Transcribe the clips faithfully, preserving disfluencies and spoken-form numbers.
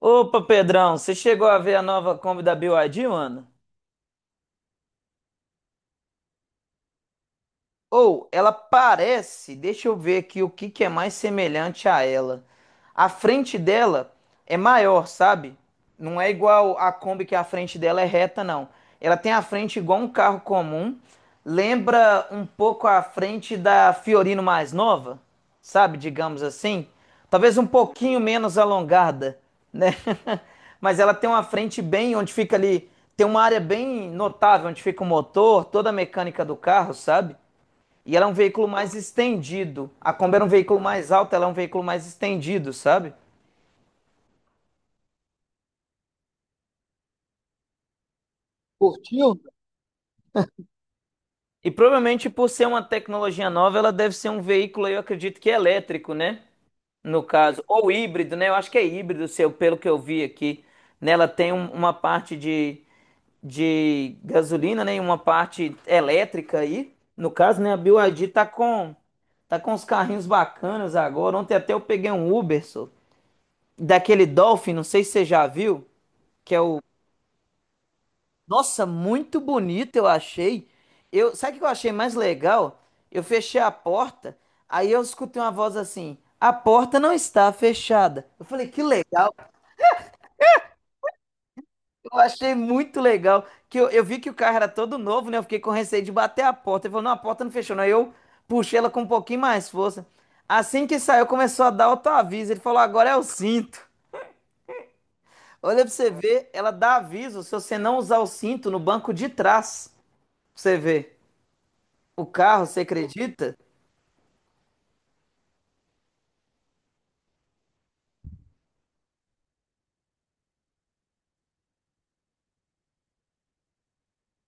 Opa, Pedrão, você chegou a ver a nova Kombi da B Y D, mano? Ou ela parece, deixa eu ver aqui o que que é mais semelhante a ela. A frente dela é maior, sabe? Não é igual a Kombi que a frente dela é reta, não. Ela tem a frente igual um carro comum. Lembra um pouco a frente da Fiorino mais nova, sabe? Digamos assim. Talvez um pouquinho menos alongada, né? Mas ela tem uma frente bem onde fica ali, tem uma área bem notável onde fica o motor, toda a mecânica do carro, sabe? E ela é um veículo mais estendido. A Kombi era um veículo mais alto, ela é um veículo mais estendido, sabe? Curtiu? E provavelmente por ser uma tecnologia nova, ela deve ser um veículo, eu acredito que elétrico, né? No caso, ou híbrido, né? Eu acho que é híbrido, seu, pelo que eu vi aqui. Nela tem um- uma parte de, de gasolina, né? E uma parte elétrica aí. No caso, né? A B Y D tá com tá com uns carrinhos bacanas agora. Ontem até eu peguei um Uber, só, daquele Dolphin, não sei se você já viu, que é o Nossa, muito bonito eu achei. Eu, sabe o que eu achei mais legal? Eu fechei a porta, aí eu escutei uma voz assim: "A porta não está fechada". Eu falei: "Que legal". Eu achei muito legal que eu, eu vi que o carro era todo novo, né? Eu fiquei com receio de bater a porta. Ele falou: "Não, a porta não fechou". Não. Aí eu puxei ela com um pouquinho mais força. Assim que saiu, começou a dar autoaviso. Ele falou: "Agora é o cinto". Olha pra você ver, ela dá aviso se você não usar o cinto no banco de trás. Pra você ver. O carro, você acredita?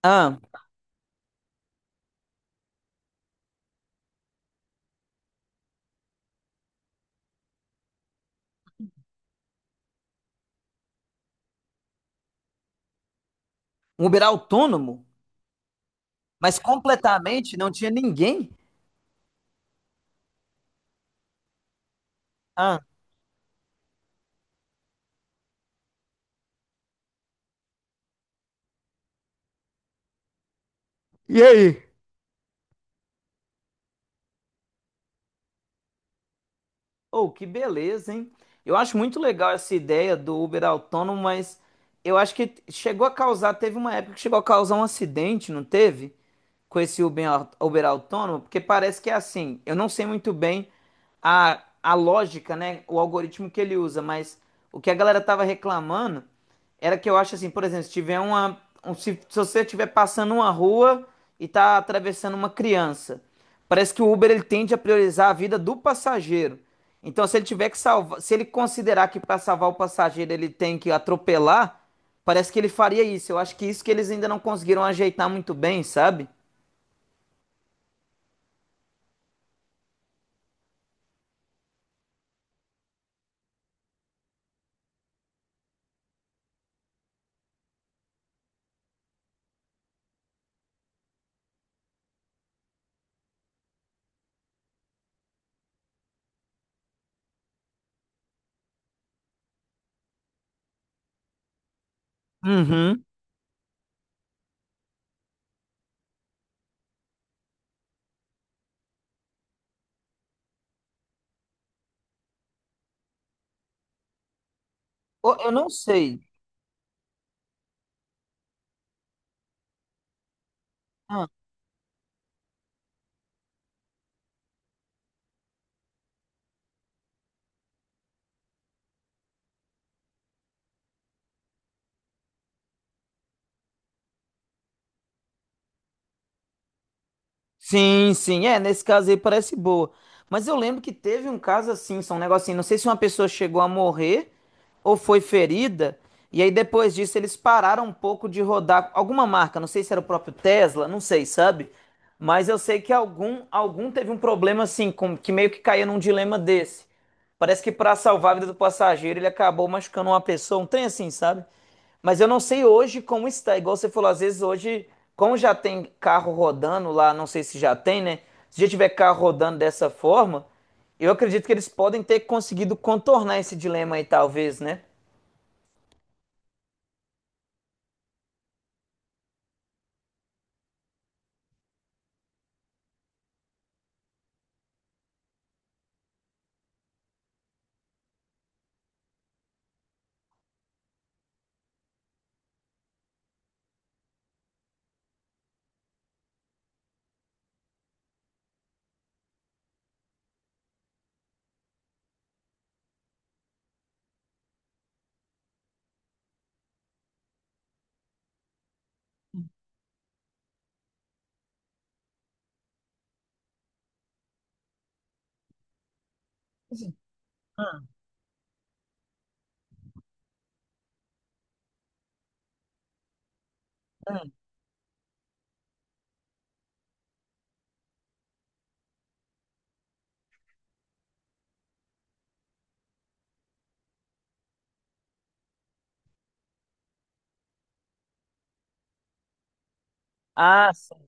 Ah, um Uber autônomo, mas completamente não tinha ninguém. Ah, e aí? Oh, que beleza, hein? Eu acho muito legal essa ideia do Uber autônomo, mas eu acho que chegou a causar, teve uma época que chegou a causar um acidente, não teve? Com esse Uber, au- Uber autônomo? Porque parece que é assim. Eu não sei muito bem a, a lógica, né? O algoritmo que ele usa, mas o que a galera tava reclamando era que eu acho assim, por exemplo, se tiver uma. Um- se, se você estiver passando uma rua e tá atravessando uma criança, parece que o Uber ele tende a priorizar a vida do passageiro. Então, se ele tiver que salvar, se ele considerar que para salvar o passageiro ele tem que atropelar, parece que ele faria isso. Eu acho que isso que eles ainda não conseguiram ajeitar muito bem, sabe? Uhum. Ô, eu não sei. Ah, sim, sim, é, nesse caso aí parece boa. Mas eu lembro que teve um caso assim, só um negocinho, não sei se uma pessoa chegou a morrer ou foi ferida, e aí depois disso eles pararam um pouco de rodar alguma marca, não sei se era o próprio Tesla, não sei, sabe? Mas eu sei que algum algum teve um problema assim, com, que meio que caía num dilema desse. Parece que para salvar a vida do passageiro, ele acabou machucando uma pessoa, um trem assim, sabe? Mas eu não sei hoje como está. Igual você falou, às vezes hoje, como já tem carro rodando lá, não sei se já tem, né? Se já tiver carro rodando dessa forma, eu acredito que eles podem ter conseguido contornar esse dilema aí, talvez, né? Hum, hum. Ah, sim.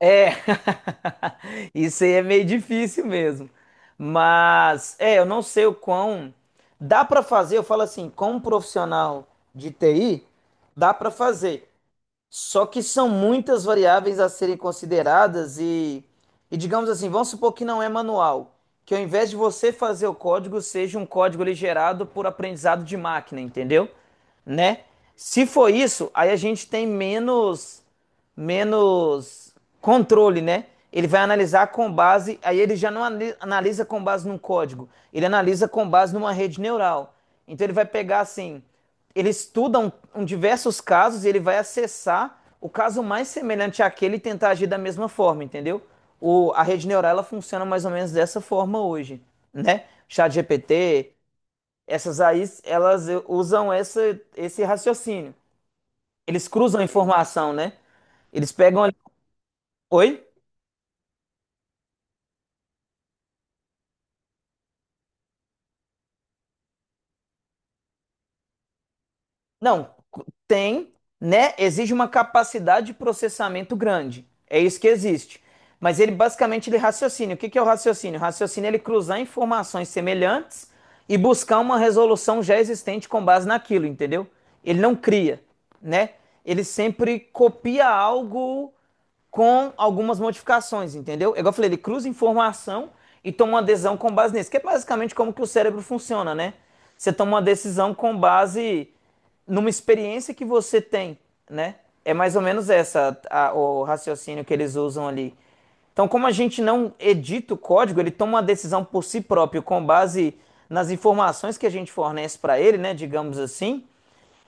É. Isso aí é meio difícil mesmo. Mas, é, eu não sei o quão. Dá para fazer, eu falo assim, como profissional de T I, dá para fazer. Só que são muitas variáveis a serem consideradas e, e digamos assim, vamos supor que não é manual, que ao invés de você fazer o código, seja um código ali gerado por aprendizado de máquina, entendeu? Né? Se for isso, aí a gente tem menos menos controle, né? Ele vai analisar com base, aí ele já não ani- analisa com base num código, ele analisa com base numa rede neural. Então ele vai pegar assim, ele estuda um, um diversos casos e ele vai acessar o caso mais semelhante àquele e tentar agir da mesma forma, entendeu? O, a rede neural ela funciona mais ou menos dessa forma hoje, né? ChatGPT, essas aí, elas eh, usam essa, esse raciocínio. Eles cruzam a informação, né? Eles pegam ali. Oi? Não, tem, né? Exige uma capacidade de processamento grande. É isso que existe. Mas ele basicamente ele raciocina. O que que é o raciocínio? O raciocínio é ele cruzar informações semelhantes e buscar uma resolução já existente com base naquilo, entendeu? Ele não cria, né? Ele sempre copia algo com algumas modificações, entendeu? É igual eu falei, ele cruza informação e toma uma decisão com base nisso, que é basicamente como que o cérebro funciona, né? Você toma uma decisão com base numa experiência que você tem, né? É mais ou menos essa a- o raciocínio que eles usam ali. Então, como a gente não edita o código, ele toma uma decisão por si próprio com base nas informações que a gente fornece para ele, né? Digamos assim.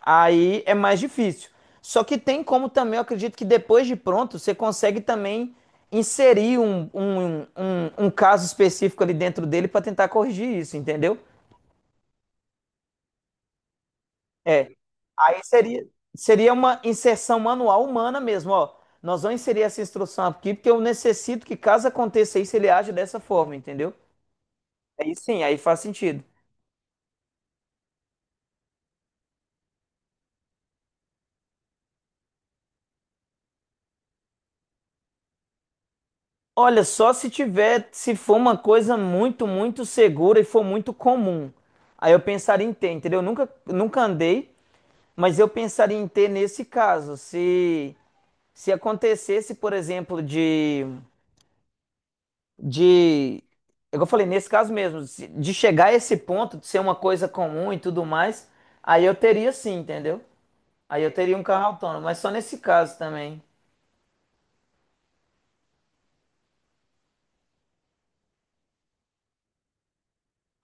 Aí é mais difícil. Só que tem como também, eu acredito que depois de pronto, você consegue também inserir um, um, um, um um caso específico ali dentro dele para tentar corrigir isso, entendeu? É. Aí seria, Seria uma inserção manual humana mesmo, ó. Nós vamos inserir essa instrução aqui porque eu necessito que caso aconteça isso, ele aja dessa forma, entendeu? Aí sim, aí faz sentido. Olha, só se tiver, se for uma coisa muito, muito segura e for muito comum. Aí eu pensaria em ter, entendeu? Eu nunca, nunca andei, mas eu pensaria em ter nesse caso. Se, se acontecesse, por exemplo, de, de, igual eu falei, nesse caso mesmo, se- de chegar a esse ponto, de ser uma coisa comum e tudo mais, aí eu teria sim, entendeu? Aí eu teria um carro autônomo, mas só nesse caso também.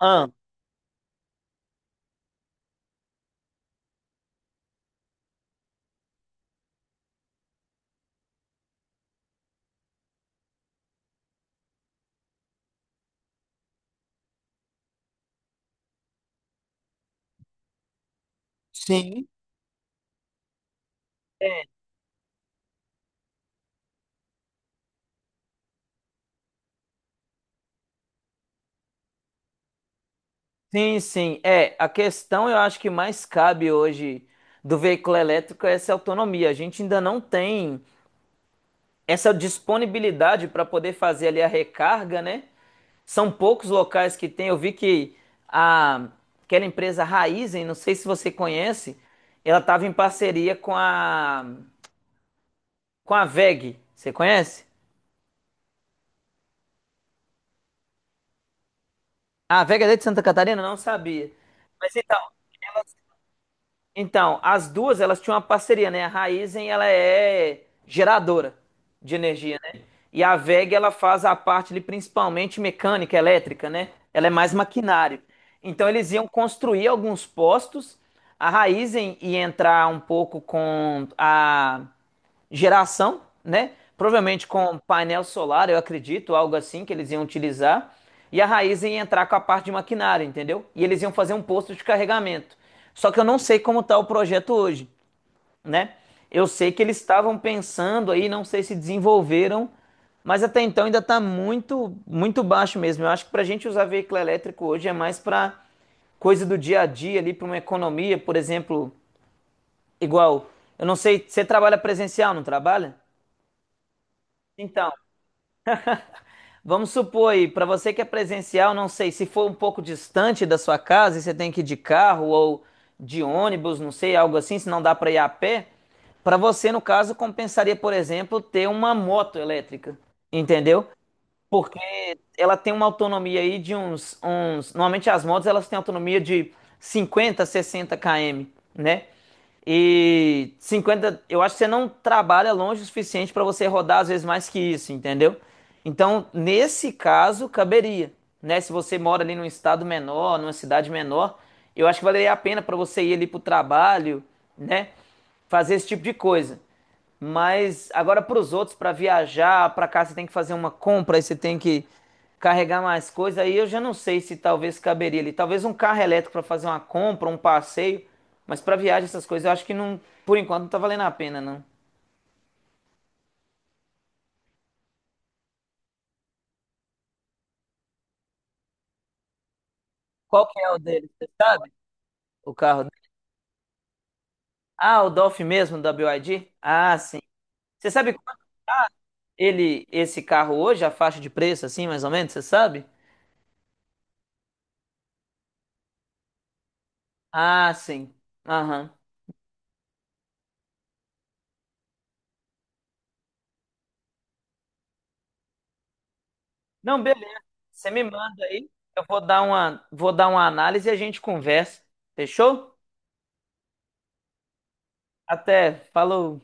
Ah, sim. Sim, sim. É, a questão eu acho que mais cabe hoje do veículo elétrico é essa autonomia. A gente ainda não tem essa disponibilidade para poder fazer ali a recarga, né? São poucos locais que tem. Eu vi que a, aquela empresa Raizen, não sei se você conhece, ela estava em parceria com a, com a W E G. Você conhece? Ah, a W E G é de Santa Catarina? Não sabia. Mas então, então, as duas, elas tinham uma parceria, né? A Raizen, ela é geradora de energia, né? E a W E G, ela faz a parte ali principalmente mecânica, elétrica, né? Ela é mais maquinário. Então, eles iam construir alguns postos. A Raizen ia entrar um pouco com a geração, né? Provavelmente com painel solar, eu acredito, algo assim que eles iam utilizar. E a Raizen ia entrar com a parte de maquinário, entendeu? E eles iam fazer um posto de carregamento. Só que eu não sei como está o projeto hoje, né? Eu sei que eles estavam pensando aí, não sei se desenvolveram, mas até então ainda está muito, muito baixo mesmo. Eu acho que para a gente usar veículo elétrico hoje é mais para coisa do dia a dia ali, para uma economia, por exemplo, igual. Eu não sei, você trabalha presencial, não trabalha? Então, vamos supor aí, para você que é presencial, não sei, se for um pouco distante da sua casa e você tem que ir de carro ou de ônibus, não sei, algo assim, se não dá para ir a pé, para você, no caso, compensaria, por exemplo, ter uma moto elétrica, entendeu? Porque ela tem uma autonomia aí de uns, uns. Normalmente as motos elas têm autonomia de cinquenta, sessenta quilômetros, né? E cinquenta, eu acho que você não trabalha longe o suficiente para você rodar às vezes mais que isso, entendeu? Então, nesse caso, caberia, né? Se você mora ali num estado menor, numa cidade menor, eu acho que valeria a pena para você ir ali pro trabalho, né? Fazer esse tipo de coisa. Mas agora para os outros, para viajar, para cá você tem que fazer uma compra, aí você tem que carregar mais coisa. Aí eu já não sei se talvez caberia ali. Talvez um carro elétrico para fazer uma compra, um passeio, mas para viagem essas coisas eu acho que não, por enquanto não tá valendo a pena não. Qual que é o dele, você sabe? O carro. Dele? Ah, o Dolph mesmo da B Y D? Ah, sim. Você sabe quanto tá ele esse carro hoje, a faixa de preço assim, mais ou menos, você sabe? Ah, sim. Aham. Não, beleza. Você me manda aí, eu vou dar uma, vou dar uma análise e a gente conversa. Fechou? Até, falou.